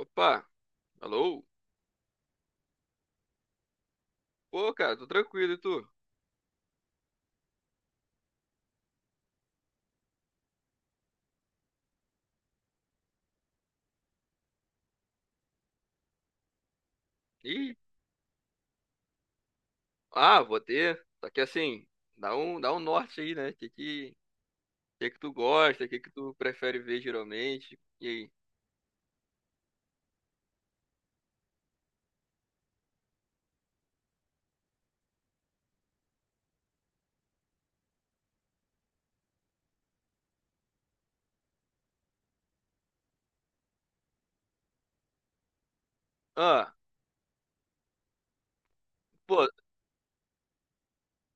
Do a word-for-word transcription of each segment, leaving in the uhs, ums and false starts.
Opa, alô? Pô, cara, tô tranquilo, e tu? Ih, ah, vou ter. Só que assim, dá um, dá um norte aí, né? O que que, que que tu gosta, o que que tu prefere ver geralmente? E aí? Ah, pô,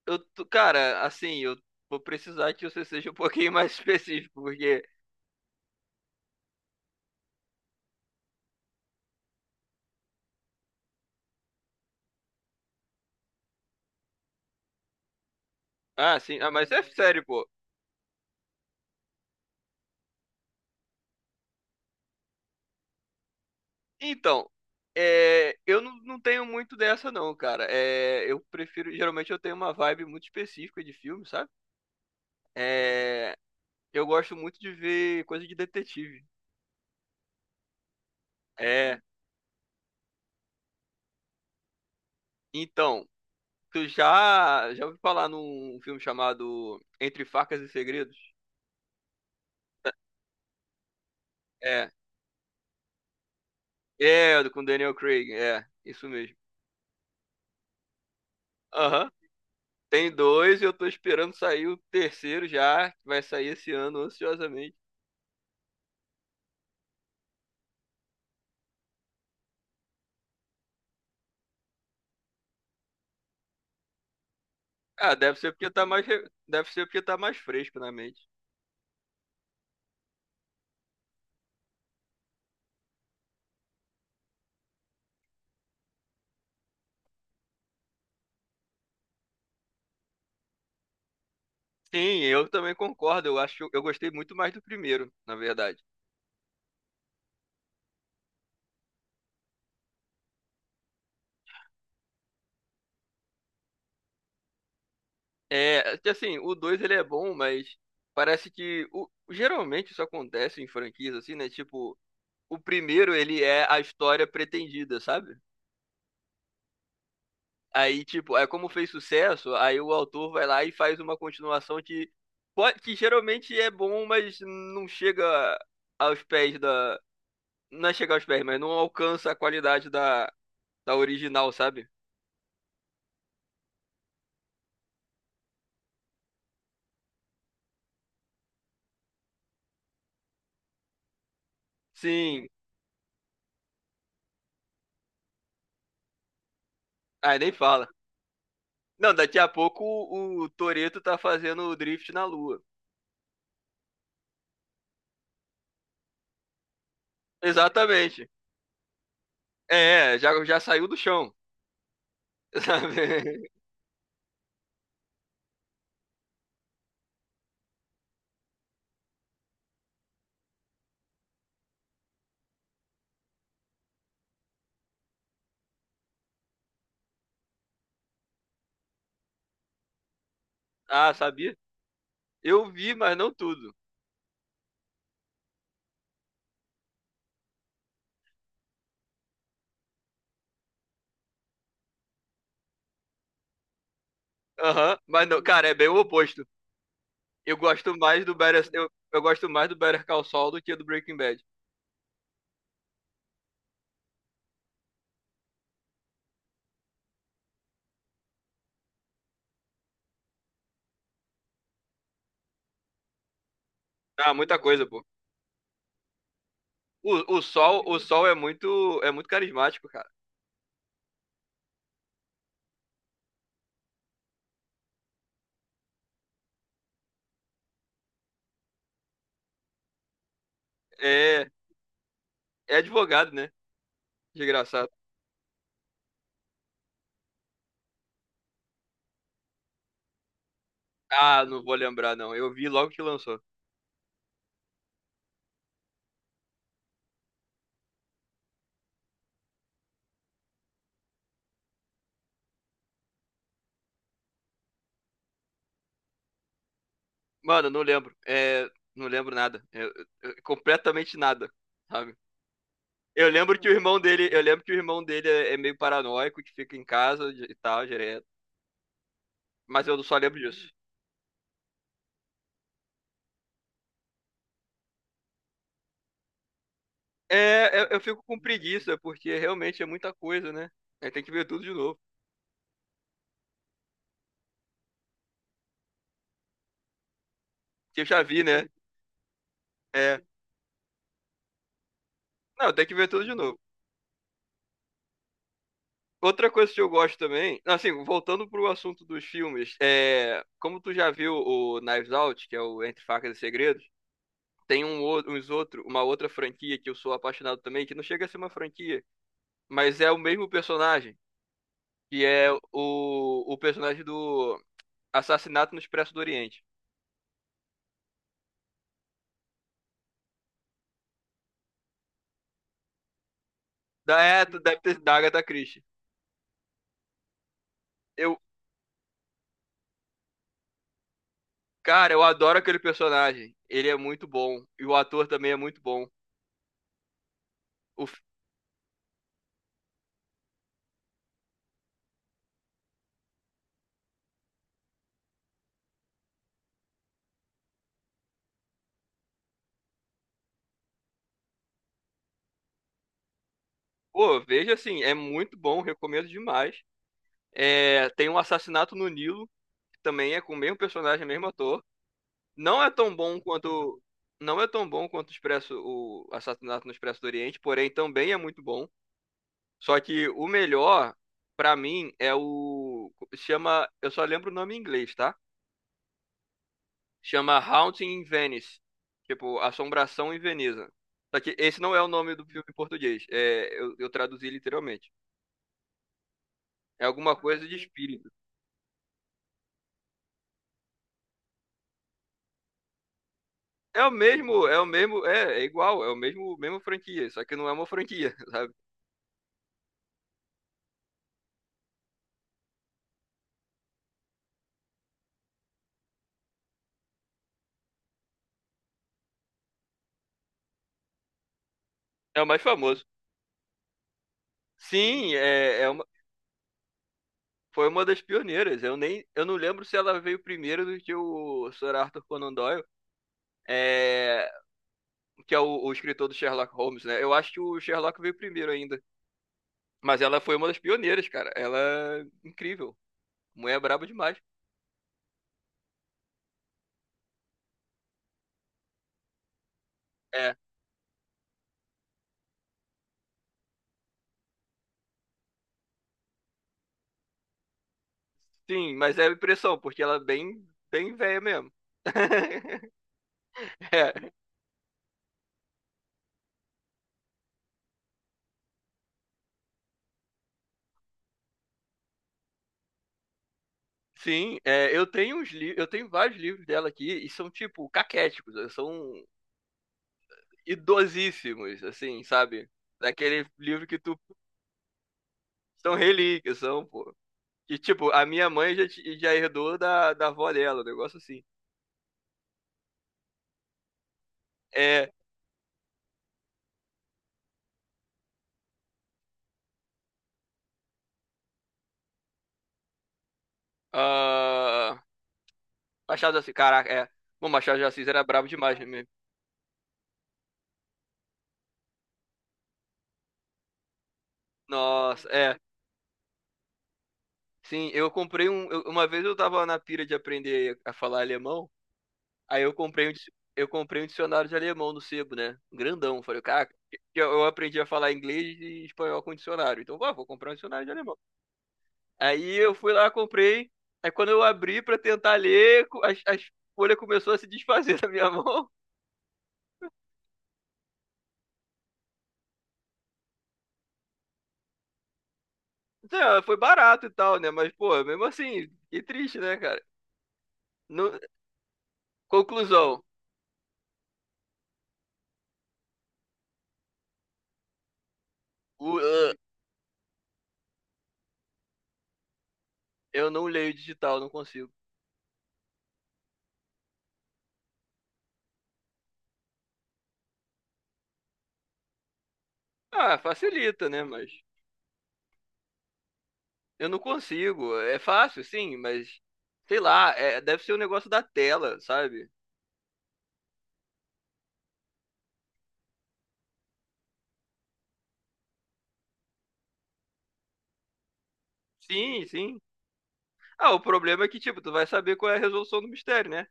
eu, tô- Cara, assim, eu vou precisar que você seja um pouquinho mais específico, porque... Ah, sim, ah, mas é sério, pô. Então, é, eu não, não tenho muito dessa não, cara. É, eu prefiro, geralmente eu tenho uma vibe muito específica de filme, sabe? É, Eu gosto muito de ver coisa de detetive. É, então, tu já já ouviu falar num filme chamado Entre Facas e Segredos? É, é, com Daniel Craig, é, isso mesmo. Aham. Tem dois e eu tô esperando sair o terceiro já, que vai sair esse ano ansiosamente. Ah, deve ser porque tá mais re- deve ser porque tá mais fresco na mente. Sim, eu também concordo. Eu acho, eu gostei muito mais do primeiro, na verdade. É, que assim, o dois ele é bom, mas parece que o, geralmente isso acontece em franquias assim, né? Tipo, o primeiro ele é a história pretendida, sabe? Aí, tipo, é como fez sucesso, aí o autor vai lá e faz uma continuação que pode, que geralmente é bom, mas não chega aos pés da, não é chegar aos pés, mas não alcança a qualidade da da original, sabe? Sim. Aí nem fala. Não, daqui a pouco o, o Toretto tá fazendo o drift na lua. Exatamente. É, é, já, já saiu do chão. Sabe? Ah, sabia? Eu vi, mas não tudo. Aham, mas não, cara, é bem o oposto. Eu gosto mais do Better, eu, eu gosto mais do Better Call Saul do que do Breaking Bad. Ah, muita coisa, pô. O, o Sol, o Sol é muito, é muito carismático, cara. É, é advogado, né? Desgraçado. Ah, não vou lembrar não. Eu vi logo que lançou. Mano, não lembro. É, não lembro nada. É, é, completamente nada, sabe? Eu lembro que o irmão dele, eu lembro que o irmão dele é é meio paranoico, que fica em casa e tal, direto. Mas eu só lembro disso. É, eu, eu fico com preguiça, porque realmente é muita coisa, né? Aí tem que ver tudo de novo. Que eu já vi, né? É. Não, tem que ver tudo de novo. Outra coisa que eu gosto também, assim, voltando pro assunto dos filmes, é, como tu já viu o Knives Out, que é o Entre Facas e Segredos, tem um, ou- uns outro, uma outra franquia que eu sou apaixonado também, que não chega a ser uma franquia, mas é o mesmo personagem. que é o, o personagem do Assassinato no Expresso do Oriente. Da, é, tu deve ter sido da Agatha Christie. Eu, cara, eu adoro aquele personagem. Ele é muito bom. E o ator também é muito bom. O, fi- Pô, veja assim, é muito bom, recomendo demais. É, tem um assassinato no Nilo, que também é com o mesmo personagem, mesmo ator. Não é tão bom quanto. Não é tão bom quanto o Expresso, o Assassinato no Expresso do Oriente, porém também é muito bom. Só que o melhor, pra mim, é o. Chama. Eu só lembro o nome em inglês, tá? Chama Haunting in Venice. Tipo, Assombração em Veneza. Só que esse não é o nome do filme em português. É, eu, eu traduzi literalmente. É alguma coisa de espírito. É o mesmo, é o mesmo, é, é igual, é o mesmo, mesmo franquia, só que não é uma franquia, sabe? É o mais famoso. Sim, é, é uma, foi uma das pioneiras. Eu nem, eu não lembro se ela veio primeiro do que o Sir Arthur Conan Doyle. É, que é o, o escritor do Sherlock Holmes, né? Eu acho que o Sherlock veio primeiro ainda. Mas ela foi uma das pioneiras, cara. Ela é incrível. Mulher é braba demais. É, sim, mas é a impressão, porque ela é bem, bem velha mesmo. É, sim, é, eu tenho uns li- eu tenho vários livros dela aqui e são tipo caquéticos, né? São idosíssimos, assim, sabe? Daquele livro que tu são relíquias, são, pô. E tipo, a minha mãe já, ti- já herdou da, da avó dela, um negócio assim. É, ah, Machado de Assis, caraca, é. Bom, Machado de Assis era brabo demais né, mesmo. Nossa, é. Sim, eu comprei um. Eu- uma vez eu tava na pira de aprender a falar alemão, aí eu comprei um, dic- eu comprei um dicionário de alemão no sebo, né? Grandão. Falei, caraca, eu, eu aprendi a falar inglês e espanhol com dicionário. Então, vá, vou comprar um dicionário de alemão. Aí eu fui lá, comprei. Aí quando eu abri pra tentar ler, co- as, as folhas começou a se desfazer da minha mão. Então, foi barato e tal, né? Mas, pô, mesmo assim, que triste, né, cara? Não, conclusão. O- ah, eu não leio digital, não consigo. Ah, facilita, né? Mas eu não consigo. É fácil, sim, mas sei lá, é- deve ser um negócio da tela, sabe? Sim, sim. Ah, o problema é que, tipo, tu vai saber qual é a resolução do mistério, né?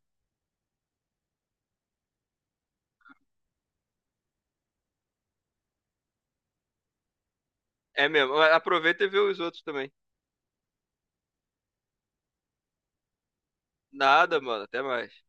É mesmo. Aproveita e vê os outros também. Nada, mano. Até mais.